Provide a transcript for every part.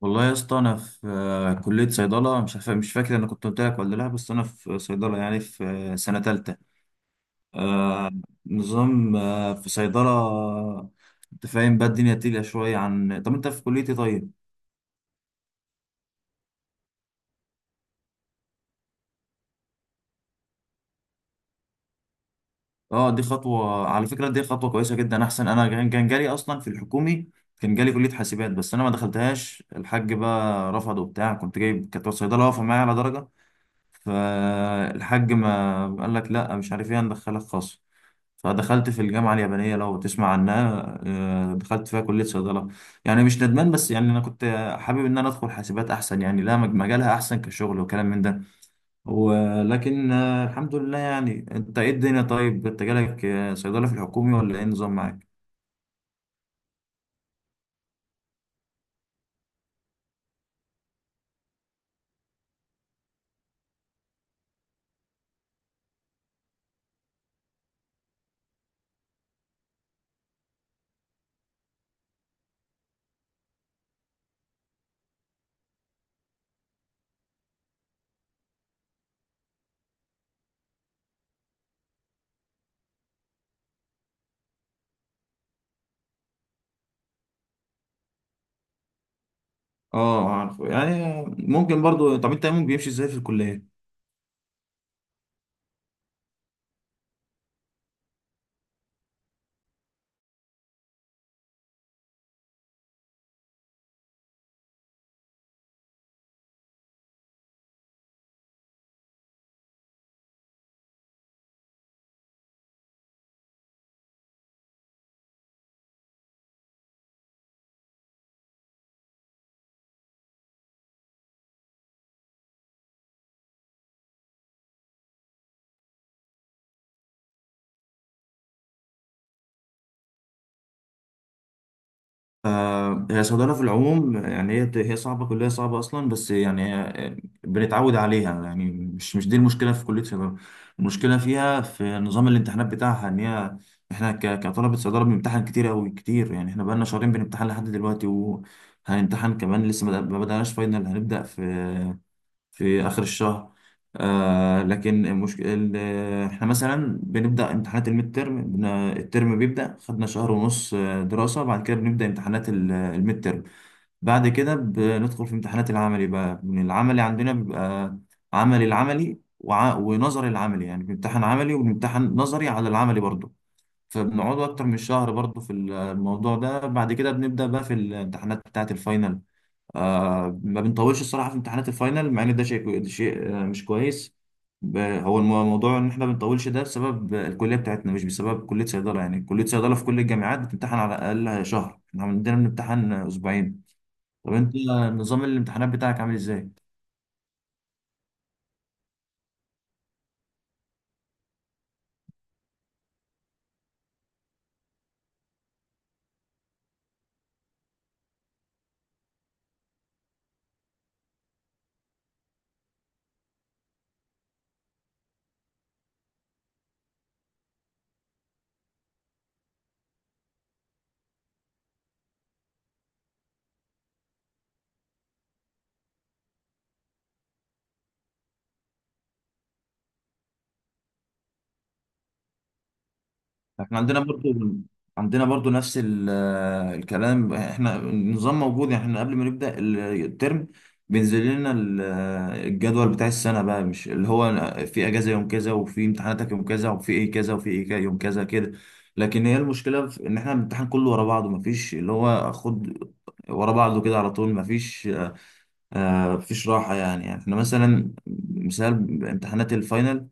والله يا اسطى، انا في كليه صيدله، مش عارف، مش فاكر انا كنت قلت لك ولا لا، بس انا في صيدله، يعني في سنه ثالثه. آه. نظام، في صيدله. انت فاهم بقى، الدنيا تقيله شويه عن طب. انت في كليه ايه طيب؟ اه، دي خطوه على فكره، دي خطوه كويسه جدا، احسن. انا كان جالي اصلا في الحكومي، كان جالي كليه حاسبات، بس انا ما دخلتهاش، الحاج بقى رفض وبتاع. كنت جايب، كانت صيدله واقفه معايا على درجه، فالحاج ما قال لك لا، مش عارف ايه، هندخلك خاص. فدخلت في الجامعة اليابانية، لو تسمع عنها، دخلت فيها كلية صيدلة. يعني مش ندمان، بس يعني أنا كنت حابب إن أنا أدخل حاسبات أحسن، يعني لا، مجالها أحسن كشغل وكلام من ده. ولكن الحمد لله يعني. أنت إيه الدنيا؟ طيب، أنت جالك صيدلة في الحكومي ولا إيه النظام معاك؟ أه، عارف يعني. ممكن برضو. طب أنت يومك بيمشي إزاي في الكلية؟ هي الصيدلة في العموم يعني، هي صعبة، كلية صعبة أصلا، بس يعني هي بنتعود عليها. يعني مش دي المشكلة في كلية صيدلة، المشكلة فيها في نظام الامتحانات بتاعها، إن هي إحنا كطلبة صيدلة بنمتحن كتير أوي كتير. يعني إحنا بقالنا شهرين بنمتحن لحد دلوقتي، وهنمتحن كمان لسه، ما بدأناش فاينل، هنبدأ في آخر الشهر. آه، لكن المشكلة، احنا مثلا بنبدأ امتحانات الميد ترم، الترم بيبدأ، خدنا شهر ونص دراسة، بعد كده بنبدأ امتحانات الميد ترم. بعد كده بندخل في امتحانات العملي بقى. من العملي عندنا بيبقى عملي، العملي ونظري العملي، يعني بنمتحن عملي وبنمتحن نظري على العملي برضه، فبنقعد أكتر من شهر برضه في الموضوع ده. بعد كده بنبدأ بقى في الامتحانات بتاعة الفاينل. ما بنطولش الصراحه في امتحانات الفاينل، مع ان ده شيء، مش كويس. هو الموضوع ان احنا بنطولش ده بسبب الكليه بتاعتنا مش بسبب كليه صيدله. يعني كليه صيدله في كل الجامعات بتمتحن على الاقل شهر، احنا عندنا بنمتحن اسبوعين. طب انت، نظام الامتحانات بتاعك عامل ازاي؟ احنا عندنا برضو، نفس الكلام. احنا النظام موجود، يعني احنا قبل ما نبدأ الترم بينزل لنا الجدول بتاع السنة بقى، مش اللي هو في اجازة يوم كذا، وفي امتحاناتك يوم كذا، وفي ايه كذا، وفي ايه كذا يوم كذا كده. لكن هي المشكلة في ان احنا الامتحان كله ورا بعضه، مفيش اللي هو خد ورا بعضه كده على طول. مفيش راحة يعني. يعني احنا مثلا، مثال، امتحانات الفاينل،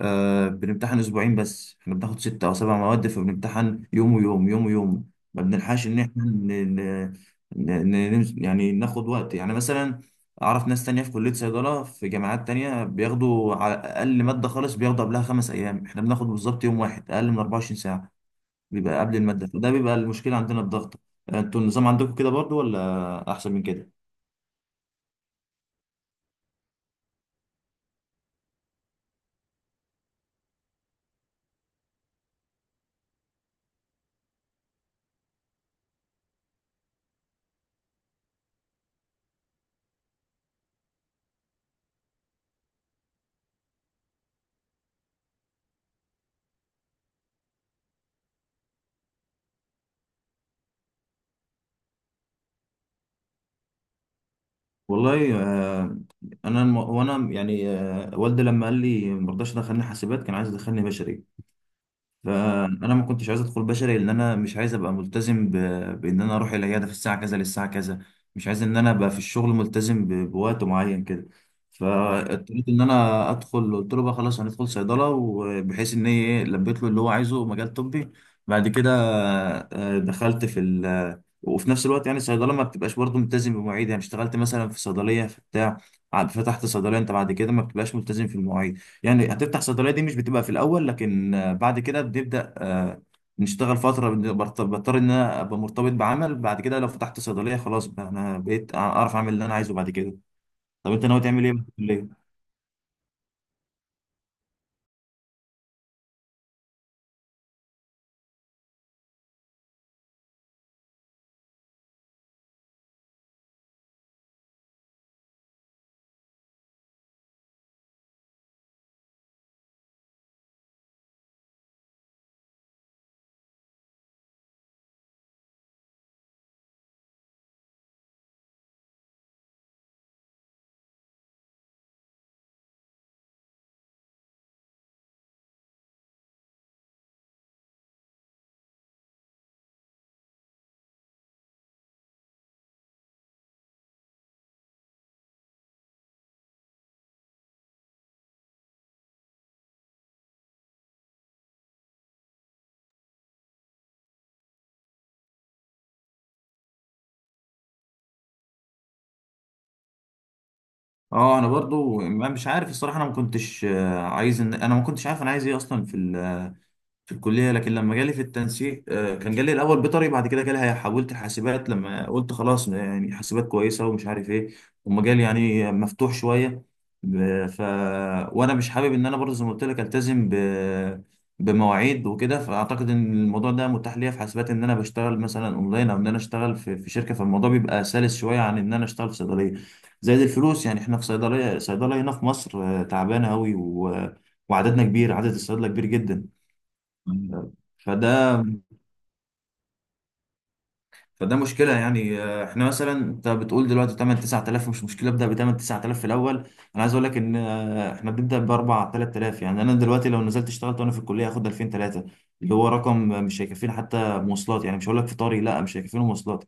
بنمتحن اسبوعين بس احنا بناخد ستة او سبع مواد، فبنمتحن يوم ويوم، يوم ويوم، ما بنلحقش ان احنا ن... ن... يعني ناخد وقت. يعني مثلا، اعرف ناس تانية في كلية صيدلة في جامعات تانية، بياخدوا على اقل مادة خالص بياخدوا قبلها خمس ايام، احنا بناخد بالظبط يوم واحد، اقل من 24 ساعة بيبقى قبل المادة. فده بيبقى المشكلة عندنا، الضغط. انتوا النظام عندكم كده برضو ولا احسن من كده؟ والله، انا وانا يعني والدي لما قال لي ما رضاش يدخلني حاسبات، كان عايز يدخلني بشري. فانا ما كنتش عايز ادخل بشري، لان انا مش عايز ابقى ملتزم بان انا اروح العياده في الساعه كذا للساعه كذا. مش عايز ان انا ابقى في الشغل ملتزم بوقت معين كده. فاضطريت ان انا ادخل، قلت له بقى خلاص هندخل صيدله، وبحيث ان هي ايه، لبيت له اللي هو عايزه، مجال طبي. بعد كده دخلت في وفي نفس الوقت، يعني الصيدله ما بتبقاش برضه ملتزم بمواعيد. يعني اشتغلت مثلا في صيدليه في بتاع، فتحت صيدليه انت بعد كده، ما بتبقاش ملتزم في المواعيد. يعني هتفتح صيدلية، دي مش بتبقى في الأول، لكن بعد كده بنبدأ نشتغل فترة، بضطر إن أنا أبقى مرتبط بعمل. بعد كده لو فتحت صيدلية خلاص، بقى أنا بقيت أعرف أعمل اللي أنا عايزه بعد كده. طب أنت ناوي تعمل إيه بعد الكلية؟ أه، أنا برضو مش عارف الصراحة، أنا ما كنتش عايز إن أنا، ما كنتش عارف أنا عايز إيه أصلا في الكلية. لكن لما جالي في التنسيق، كان جالي الأول بيطري، بعد كده جالي، حولت حاسبات لما قلت خلاص، يعني حاسبات كويسة ومش عارف إيه، ومجال يعني مفتوح شوية. ب- ف وأنا مش حابب إن أنا برضه زي ما قلت لك ألتزم بمواعيد وكده. فأعتقد إن الموضوع ده متاح ليا في حاسبات، إن أنا بشتغل مثلا أونلاين، أو إن أنا أشتغل في شركة. فالموضوع بيبقى سلس شوية عن إن أنا أشتغل في صيدلية. زائد الفلوس، يعني إحنا في صيدلية، هنا في مصر تعبانة أوي وعددنا كبير، عدد الصيادلة كبير جدا. فده فده مشكله يعني. احنا مثلا، انت بتقول دلوقتي 8 9000 مش مشكله، ابدا ب 8 9000 في الاول. انا عايز اقول لك ان اه، احنا بنبدا ب 4 3000، يعني انا دلوقتي لو نزلت اشتغلت وانا في الكليه هاخد 2000 3، اللي هو رقم مش هيكفيني حتى مواصلات. يعني مش هقول لك فطاري، لا، مش هيكفيني مواصلات.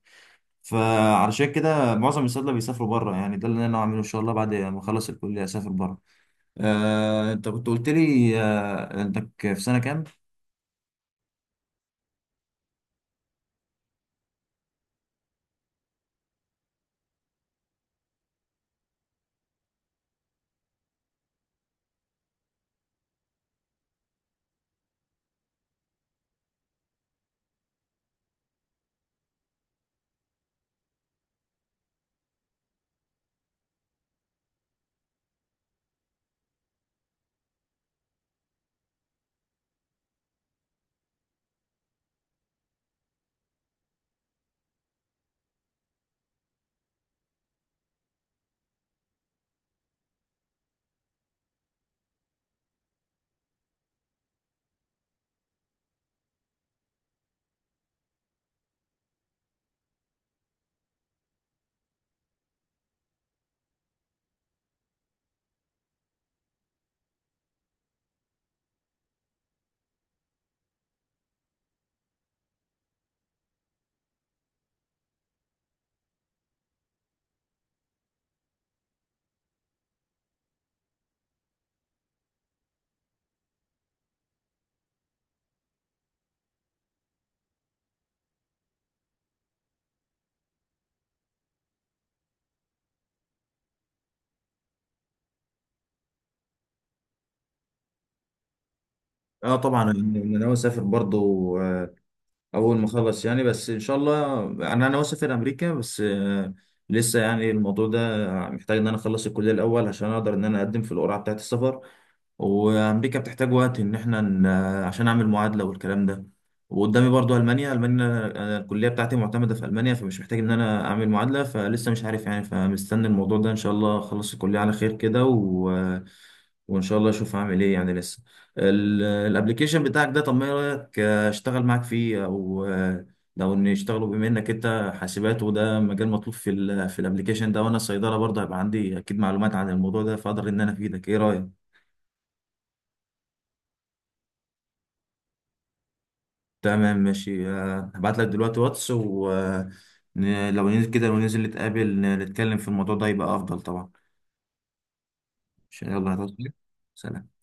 فعلشان كده معظم الصيادله بيسافروا بره، يعني ده اللي انا هعمله ان شاء الله، بعد ما اخلص الكليه اسافر بره. انت كنت قلت لي انك في سنه كام؟ اه طبعا، أنا ناوي اسافر برضه اول ما اخلص يعني. بس ان شاء الله انا ناوي اسافر امريكا، بس لسه يعني الموضوع ده محتاج ان انا اخلص الكليه الاول عشان اقدر ان انا اقدم في القرعه بتاعه السفر. وامريكا بتحتاج وقت ان احنا عشان اعمل معادله والكلام ده. وقدامي برضو المانيا، أنا الكليه بتاعتي معتمده في المانيا، فمش محتاج ان انا اعمل معادله. فلسه مش عارف يعني، فمستني الموضوع ده ان شاء الله، اخلص الكليه على خير كده وان شاء الله اشوف هعمل ايه يعني لسه. الابليكيشن بتاعك ده، طب ما ايه رايك اشتغل معاك فيه، او لو ان يشتغلوا، بما انك انت حاسبات وده مجال مطلوب في الابليكيشن ده، وانا صيدله برضه هيبقى عندي اكيد معلومات عن الموضوع ده، فاقدر ان انا افيدك. ايه رايك؟ تمام ماشي. هبعت لك دلوقتي واتس، ولو ننزل كده، لو ننزل نتقابل، نتكلم في الموضوع ده يبقى افضل طبعا. عشان يلا هتوصل. سلام.